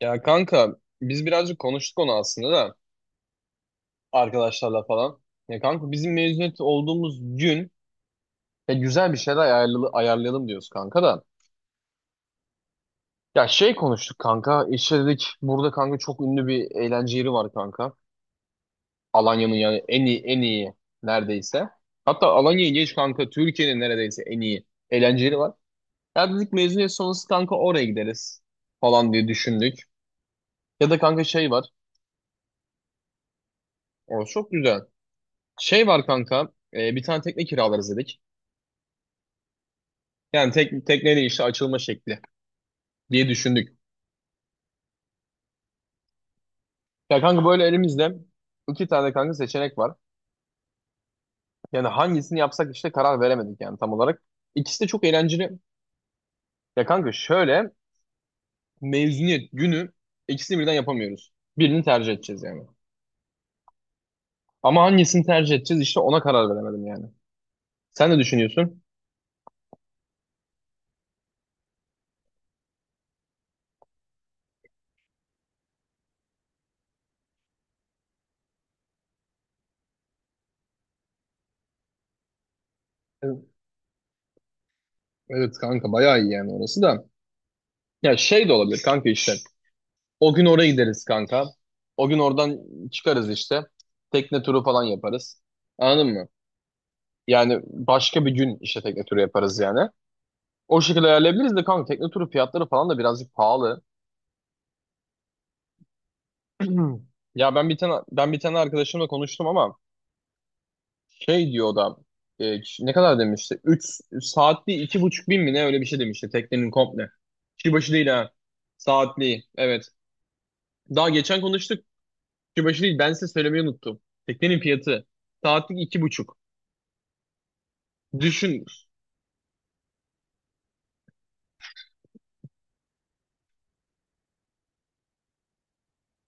Ya kanka biz birazcık konuştuk onu aslında da arkadaşlarla falan. Ya kanka bizim mezuniyet olduğumuz gün ya güzel bir şeyler ayarlayalım diyoruz kanka da. Ya şey konuştuk kanka, işte dedik burada kanka çok ünlü bir eğlence yeri var kanka. Alanya'nın yani en iyi, en iyi neredeyse. Hatta Alanya'yı geç kanka, Türkiye'nin neredeyse en iyi eğlence yeri var. Ya dedik mezuniyet sonrası kanka oraya gideriz falan diye düşündük. Ya da kanka şey var. O çok güzel. Şey var kanka, bir tane tekne kiralarız dedik. Yani tekneyle işte açılma şekli diye düşündük. Ya kanka böyle elimizde iki tane kanka seçenek var. Yani hangisini yapsak işte karar veremedik yani, tam olarak. İkisi de çok eğlenceli. Ya kanka şöyle, mezuniyet günü ikisini birden yapamıyoruz. Birini tercih edeceğiz yani. Ama hangisini tercih edeceğiz işte, ona karar veremedim yani. Sen ne düşünüyorsun? Evet, evet kanka, bayağı iyi yani orası da. Ya şey de olabilir kanka işte. O gün oraya gideriz kanka. O gün oradan çıkarız işte. Tekne turu falan yaparız. Anladın mı? Yani başka bir gün işte tekne turu yaparız yani. O şekilde ayarlayabiliriz de kanka, tekne turu fiyatları falan da birazcık pahalı. Ya ben bir tane arkadaşımla konuştum ama. Şey diyor o da, ne kadar demişti? 3 saatli iki buçuk bin mi ne, öyle bir şey demişti teknenin komple. Kişi başı değil ha. Saatli evet. Daha geçen konuştuk. Kişi başı değil, ben size söylemeyi unuttum. Teknenin fiyatı saatlik iki buçuk. Düşün,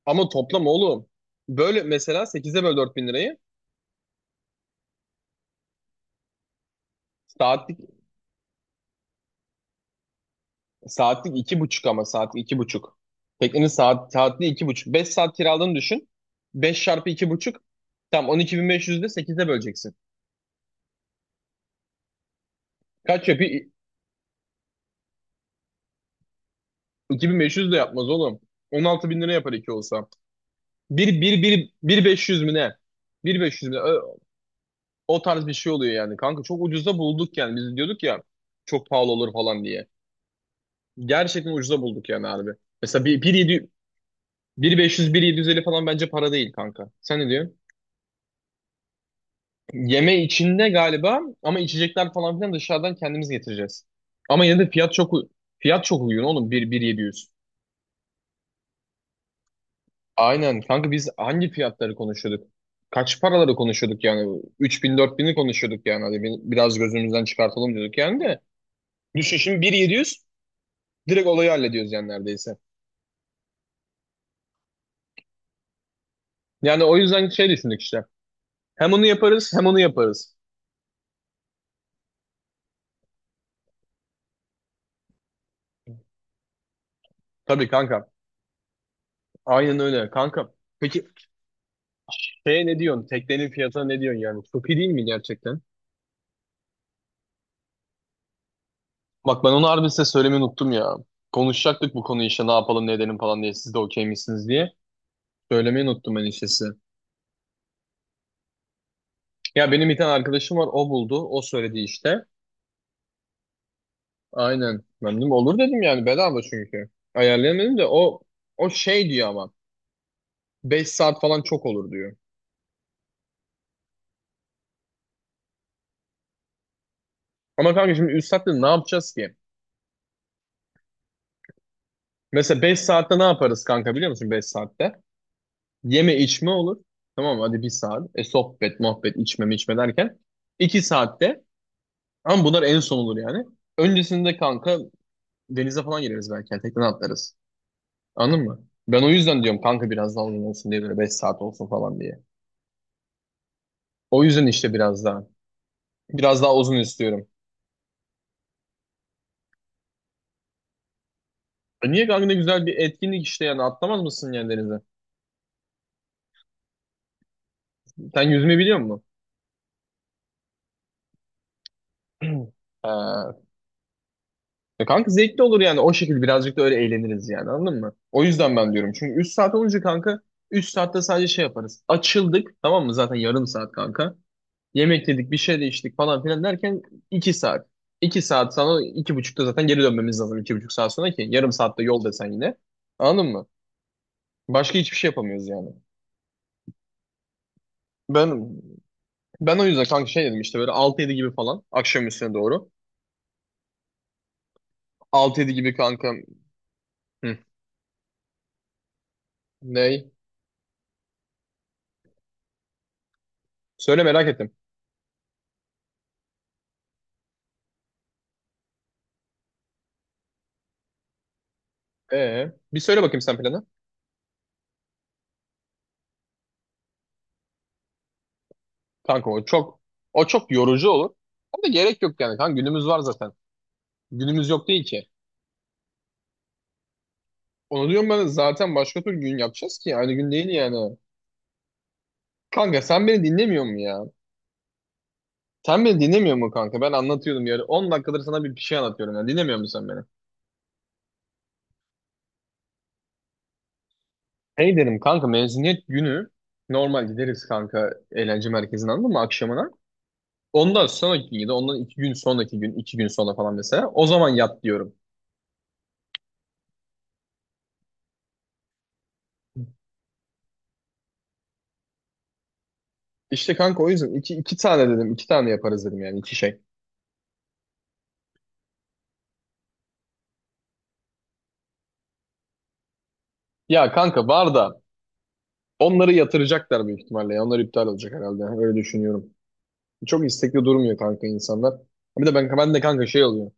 ama toplam oğlum. Böyle mesela sekize böl 4000 lirayı. Saatlik saatlik iki buçuk, ama saatlik iki buçuk. Teknenin saatli iki buçuk. 5 saat kiraladığını düşün. 5 çarpı iki buçuk. Tam on iki bin. Tamam, 12.500'de sekize böleceksin. Kaç yapıyor? 2500 de yapmaz oğlum. 16 bin lira yapar iki olsa. Bir 500 mü ne? 1500 mü ne? O tarz bir şey oluyor yani. Kanka çok ucuza bulduk yani. Biz diyorduk ya çok pahalı olur falan diye. Gerçekten ucuza bulduk yani harbi. Mesela bir 500, bir 750 falan bence para değil kanka. Sen ne diyorsun? Yeme içinde galiba, ama içecekler falan filan dışarıdan kendimiz getireceğiz. Ama yine de fiyat çok uygun oğlum. Aynen kanka, biz hangi fiyatları konuşuyorduk? Kaç paraları konuşuyorduk yani? 3000 bin'i konuşuyorduk yani. Hadi biraz gözümüzden çıkartalım diyorduk yani de. Düşün şimdi 1700 direkt olayı hallediyoruz yani neredeyse. Yani o yüzden şey düşündük işte. Hem onu yaparız, hem onu yaparız. Tabii kanka. Aynen öyle kanka. Peki şeye ne diyorsun? Teknenin fiyatına ne diyorsun yani? Çok iyi değil mi gerçekten? Bak, ben onu harbi size söylemeyi unuttum ya. Konuşacaktık bu konuyu işte, ne yapalım ne edelim falan diye. Siz de okey misiniz diye. Söylemeyi unuttum ben işte size. Ya benim bir tane arkadaşım var, o buldu. O söyledi işte. Aynen. Ben dedim olur dedim yani, bedava çünkü. Ayarlayamadım da, o şey diyor ama, 5 saat falan çok olur diyor. Ama kanka şimdi 3 saatte ne yapacağız ki? Mesela 5 saatte ne yaparız kanka, biliyor musun 5 saatte? Yeme içme olur. Tamam mı? Hadi bir saat. E sohbet muhabbet içme içme derken 2 saatte, ama bunlar en son olur yani. Öncesinde kanka denize falan gireriz belki yani, tekneden atlarız. Anladın mı? Ben o yüzden diyorum kanka, biraz daha uzun olsun diye, böyle 5 saat olsun falan diye. O yüzden işte biraz daha. Biraz daha uzun istiyorum. E niye kanka, ne güzel bir etkinlik işte, yani atlamaz mısın yani denize? Sen yüzme biliyor musun? Ee, kanka zevkli olur yani, o şekilde birazcık da öyle eğleniriz yani, anladın mı? O yüzden ben diyorum, çünkü 3 saat olunca kanka, 3 saatte sadece şey yaparız. Açıldık, tamam mı, zaten yarım saat kanka. Yemek yedik, bir şey de içtik falan filan derken iki saat. İki saat sonra iki buçukta zaten geri dönmemiz lazım, iki buçuk saat sonra ki. Yarım saatte yol desen yine. Anladın mı? Başka hiçbir şey yapamıyoruz yani. Ben ben o yüzden kanka şey dedim işte, böyle altı yedi gibi falan akşam üstüne doğru. Altı yedi gibi kanka. Hı, ney? Söyle, merak ettim. Bir söyle bakayım sen planı. Kanka o çok yorucu olur. Ama gerek yok yani kanka, günümüz var zaten. Günümüz yok değil ki. Onu diyorum ben zaten, başka türlü gün yapacağız ki, aynı gün değil yani. Kanka sen beni dinlemiyor mu ya? Sen beni dinlemiyor mu kanka? Ben anlatıyordum ya. 10 dakikadır sana bir şey anlatıyorum ya. Dinlemiyor musun sen beni? Hey dedim kanka, mezuniyet günü normal gideriz kanka eğlence merkezine, anladın mı, akşamına? Ondan sonraki gün ya da ondan iki gün sonraki gün, iki gün sonra falan mesela. O zaman yat diyorum. İşte kanka o yüzden iki tane dedim, iki tane yaparız dedim yani, iki şey. Ya kanka var da onları yatıracaklar büyük ihtimalle, ya. Onlar iptal olacak herhalde. Öyle düşünüyorum. Çok istekli durmuyor kanka insanlar. Bir de ben de kanka şey oluyor.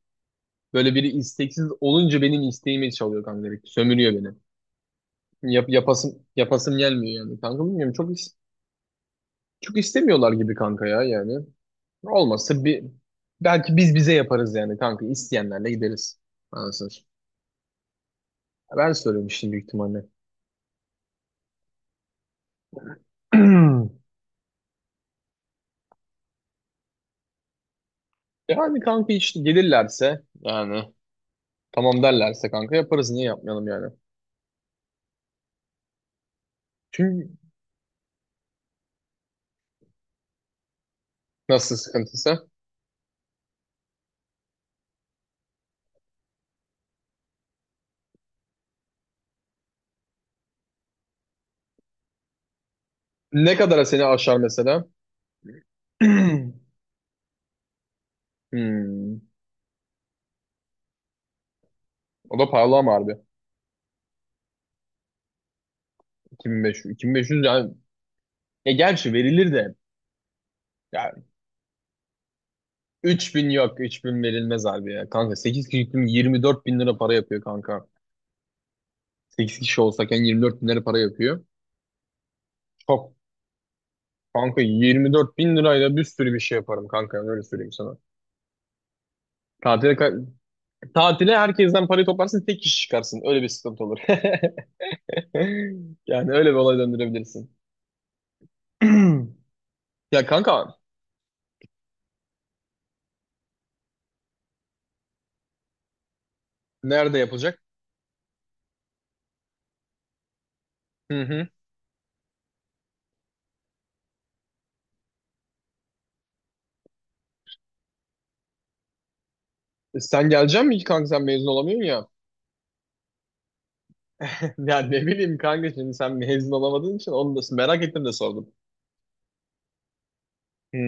Böyle biri isteksiz olunca benim isteğimi çalıyor kanka direkt. Sömürüyor beni. Yapasım gelmiyor yani. Kanka bilmiyorum, çok istemiyorlar gibi kanka ya yani. Olmazsa bir, belki biz bize yaparız yani kanka, isteyenlerle gideriz. Anasını satayım. Ben soruyorum şimdi büyük ihtimalle. Yani kanka işte gelirlerse yani, tamam derlerse kanka yaparız, niye yapmayalım yani. Çünkü. Nasıl sıkıntısı? Ne kadara seni aşar mesela? Hmm. O da pahalı ama harbi. 2500. 2500 yani. Ya gerçi verilir de. Yani 3000 yok. 3000 verilmez harbi ya. Kanka 8 kişi 24 bin lira para yapıyor kanka. 8 kişi olsak yani 24 bin lira para yapıyor. Çok. Kanka 24 bin lirayla bir sürü bir şey yaparım kanka, yani. Öyle söyleyeyim sana. Tatile, ka- tatile herkesten parayı toplarsın, tek kişi çıkarsın. Öyle bir sıkıntı olur. Yani öyle bir olay döndürebilirsin. Ya kanka, nerede yapılacak? Hı hı. E sen geleceksin mi ki kanka, sen mezun olamıyorsun ya? Ya ne bileyim kanka, şimdi sen mezun olamadığın için onu da merak ettim de sordum. Hı.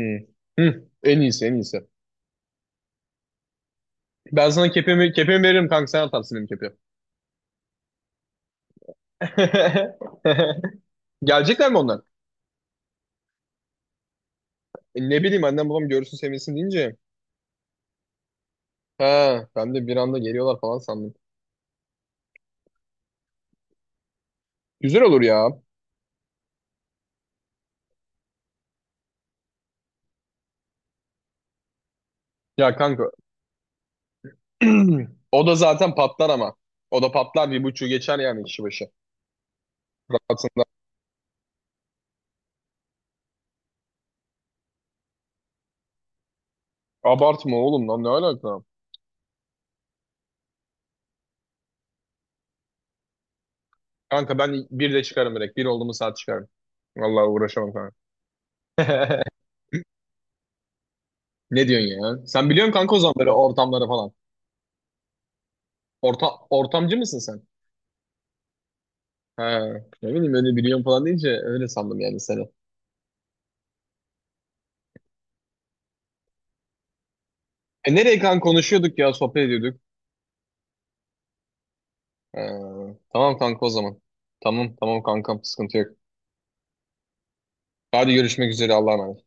Hı. En iyisi, en iyisi. Ben sana kepimi veririm kanka, sen atarsın benim kepi. Gelecekler mi onlar? E ne bileyim, annem babam görürsün sevinsin deyince. Ha, ben de bir anda geliyorlar falan sandım. Güzel olur ya. Ya kanka, o da zaten patlar ama. O da patlar, bir buçuğu geçer yani kişi başı. Rahatında. Abartma oğlum lan, ne alaka? Kanka ben bir de çıkarım direkt. Bir oldu mu saat çıkarım. Vallahi uğraşamam kanka. Ne diyorsun ya? Sen biliyorsun kanka o zaman böyle ortamları falan. Ortamcı mısın sen? He, ne bileyim, öyle biliyorum falan deyince öyle sandım yani seni. E nereye kanka, konuşuyorduk ya, sohbet ediyorduk. He, tamam kanka o zaman. Tamam, tamam kankam, sıkıntı yok. Hadi görüşmek üzere, Allah'a emanet.